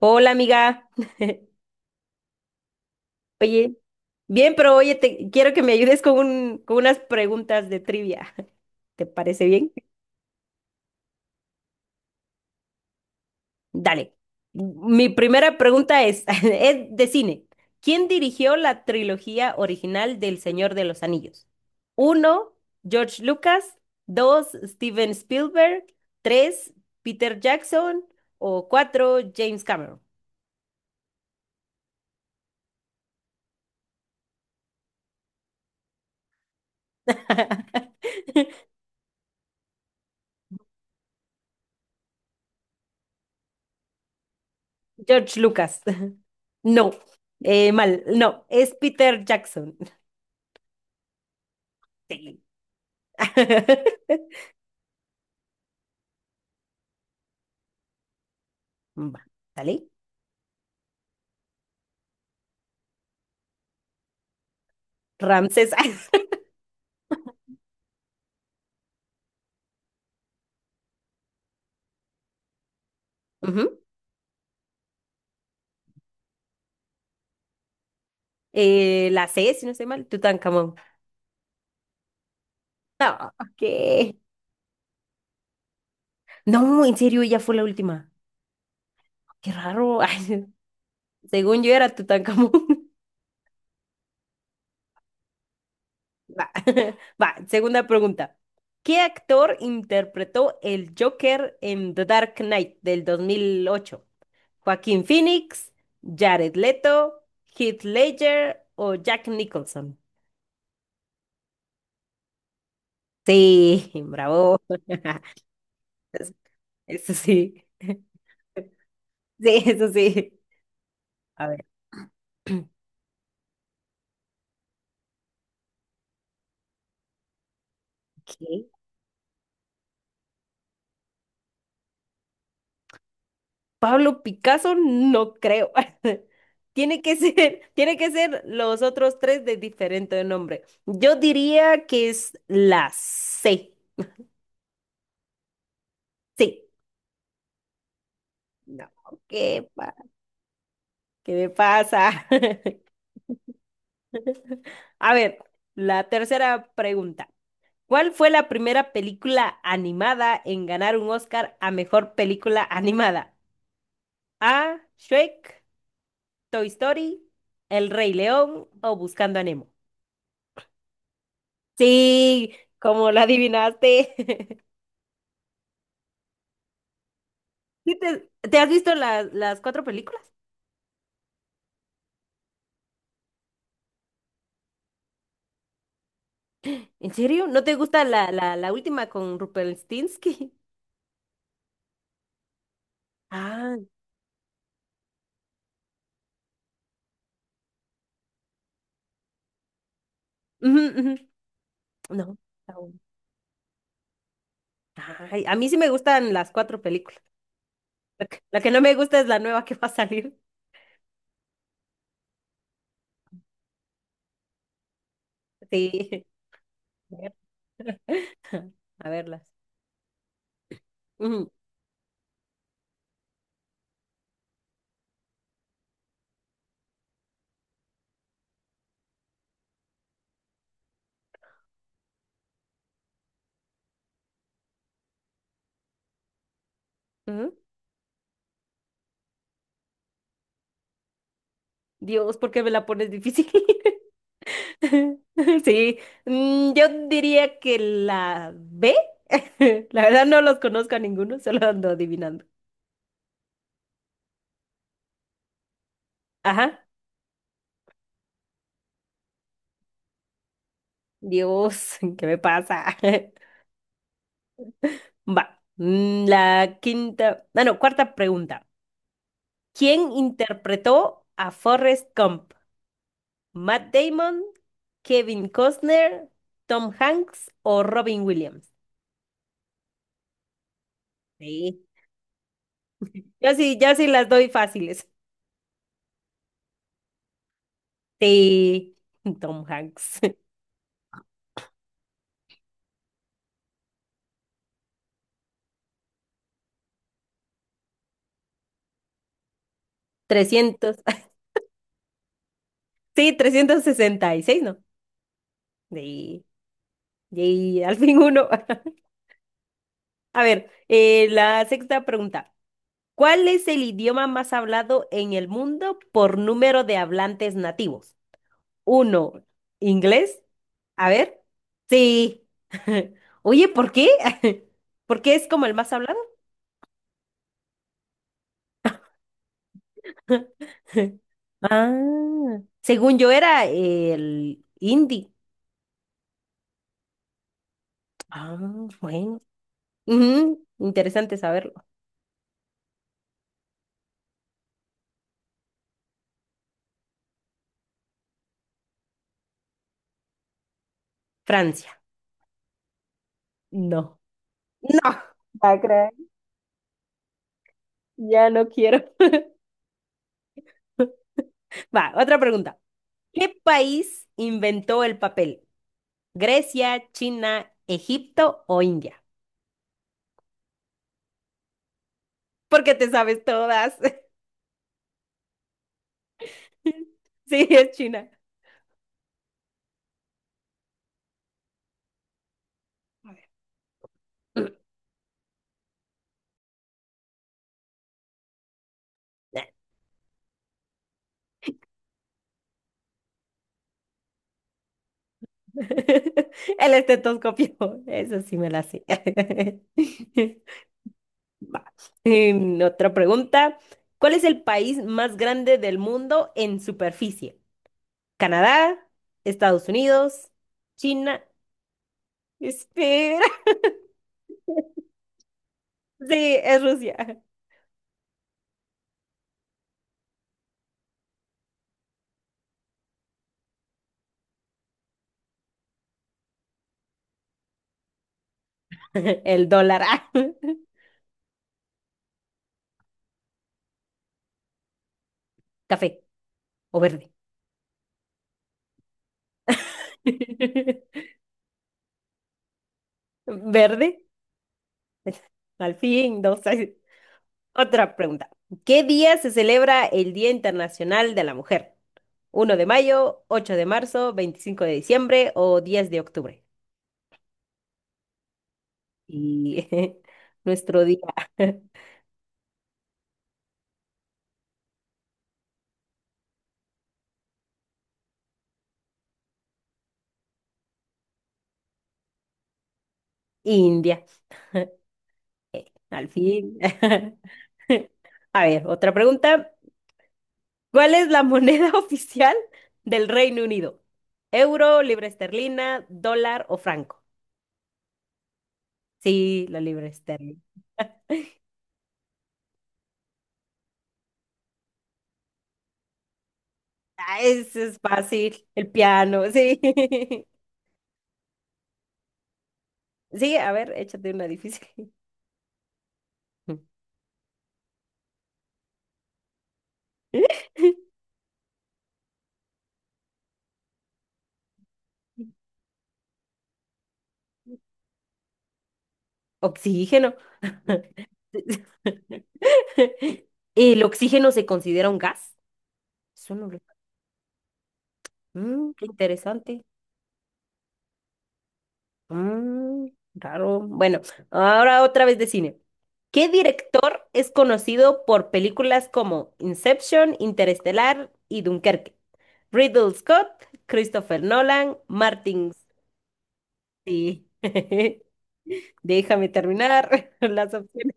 Hola, amiga. Oye, bien, pero oye, te quiero que me ayudes con con unas preguntas de trivia. ¿Te parece bien? Dale. Mi primera pregunta es, es de cine. ¿Quién dirigió la trilogía original del Señor de los Anillos? Uno, George Lucas. Dos, Steven Spielberg. Tres, Peter Jackson. O cuatro, James Cameron. George Lucas. No, mal, no, es Peter Jackson. Sí. Va, ¿sale? Ramses. Ujú. La C, si no estoy mal, Tutankamón. No, ¿qué? No, en serio, ella fue la última. Qué raro. Ay, según yo era Tutankamón. Va, va, segunda pregunta. ¿Qué actor interpretó el Joker en The Dark Knight del 2008? Joaquín Phoenix, Jared Leto, Heath Ledger o Jack Nicholson. Sí, bravo. Es- Eso sí. Sí, eso sí. A ver. Ok. Pablo Picasso, no creo. Tiene que ser los otros tres de diferente nombre. Yo diría que es la C. Sí. No, ¿qué, pa- ¿qué me pasa? A ver, la tercera pregunta. ¿Cuál fue la primera película animada en ganar un Oscar a mejor película animada? A. Shrek, Toy Story, El Rey León o Buscando a Nemo. Sí, como la adivinaste. ¿Sí? ¿Te has visto las cuatro películas? ¿En serio? ¿No te gusta la última con Rumpelstiltskin? Ah, ujú, ujú. No, está bueno. Ay, a mí sí me gustan las cuatro películas. Lo que no me gusta es la nueva que va a salir. Sí, a verlas. Ujú. Ujú. Dios, ¿por qué me la pones difícil? Sí, yo diría que la B. La verdad no los conozco a ninguno, solo ando adivinando. Ajá, Dios, ¿qué me pasa? Va, mm, la quinta, ah, no, cuarta pregunta. ¿Quién interpretó a Forrest Gump? ¿Matt Damon, Kevin Costner, Tom Hanks o Robin Williams? Sí. Yo sí las doy fáciles. Sí, Tom Hanks. Trescientos, sí, 366, ¿no? Sí, y al fin uno. A ver, la sexta pregunta. ¿Cuál es el idioma más hablado en el mundo por número de hablantes nativos? Uno, inglés. A ver. Sí. Oye, ¿por qué? ¿Por qué es como el más hablado? Ah, según yo era el hindi. Ah, bueno. Ujú, interesante saberlo. Francia. No. No, ¿va a creer? Ya no quiero. Va, otra pregunta. ¿Qué país inventó el papel? ¿Grecia, China, Egipto o India? Porque te sabes todas. Sí, es China. El estetoscopio, eso sí me la sé. Va. Otra pregunta. ¿Cuál es el país más grande del mundo en superficie? Canadá, Estados Unidos, China. Espera. Sí, es Rusia. El dólar, ah. Café o verde. Verde. Al fin, dos, ay. Otra pregunta. ¿Qué día se celebra el Día Internacional de la Mujer? ¿Uno de mayo, 8 de marzo, 25 de diciembre o 10 de octubre? Y nuestro día, India, al fin. A ver, otra pregunta. ¿Cuál es la moneda oficial del Reino Unido? ¿Euro, libra esterlina, dólar o franco? Sí, la libra esterlina. Ah, eso es fácil. El piano, sí. Sí, a ver, échate una difícil. Oxígeno. ¿El oxígeno se considera un gas? Eso no lo- Mm, qué interesante. Mm, raro. Bueno, ahora otra vez de cine. ¿Qué director es conocido por películas como Inception, Interestelar y Dunkerque? Riddle Scott, Christopher Nolan, Martin. Sí. Déjame terminar las opciones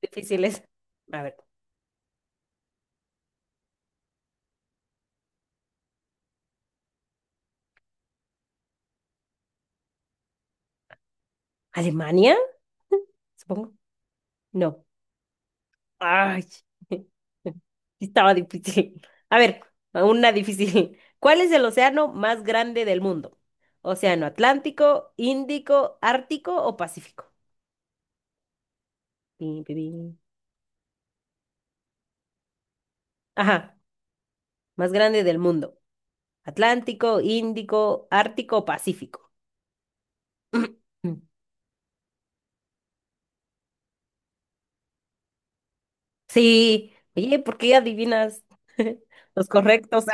difíciles. A ver, ¿Alemania? Supongo. No. Ay, sí estaba difícil. A ver, una difícil. ¿Cuál es el océano más grande del mundo? ¿Océano Atlántico, Índico, Ártico o Pacífico? Pin, pin, pin. Ajá, más grande del mundo. Atlántico, Índico, Ártico o Pacífico. Sí, oye, ¿por qué adivinas los correctos?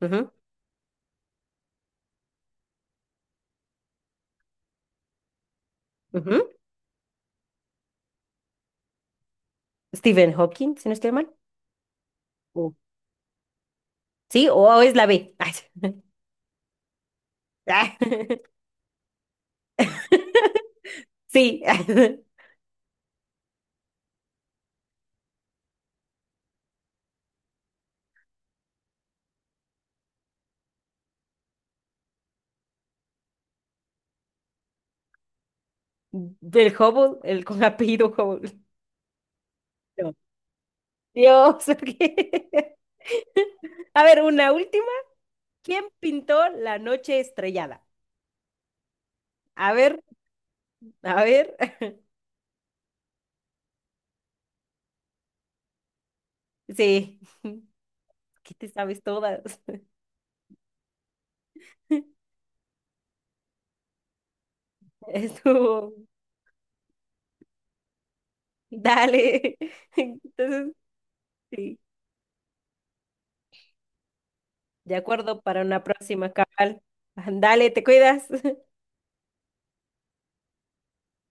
Ujú, ujú. Stephen Hawking, si no estoy mal. O- Sí, o es la B. Ay, ay. Sí, del Hubble, el con apellido Hubble. No. Dios, ok. A ver, una última. ¿Quién pintó La Noche Estrellada? A ver, a ver. Sí, ¿qué te sabes todas? Estuvo. Dale. Entonces, sí, de acuerdo para una próxima, cabal. Dale, te cuidas.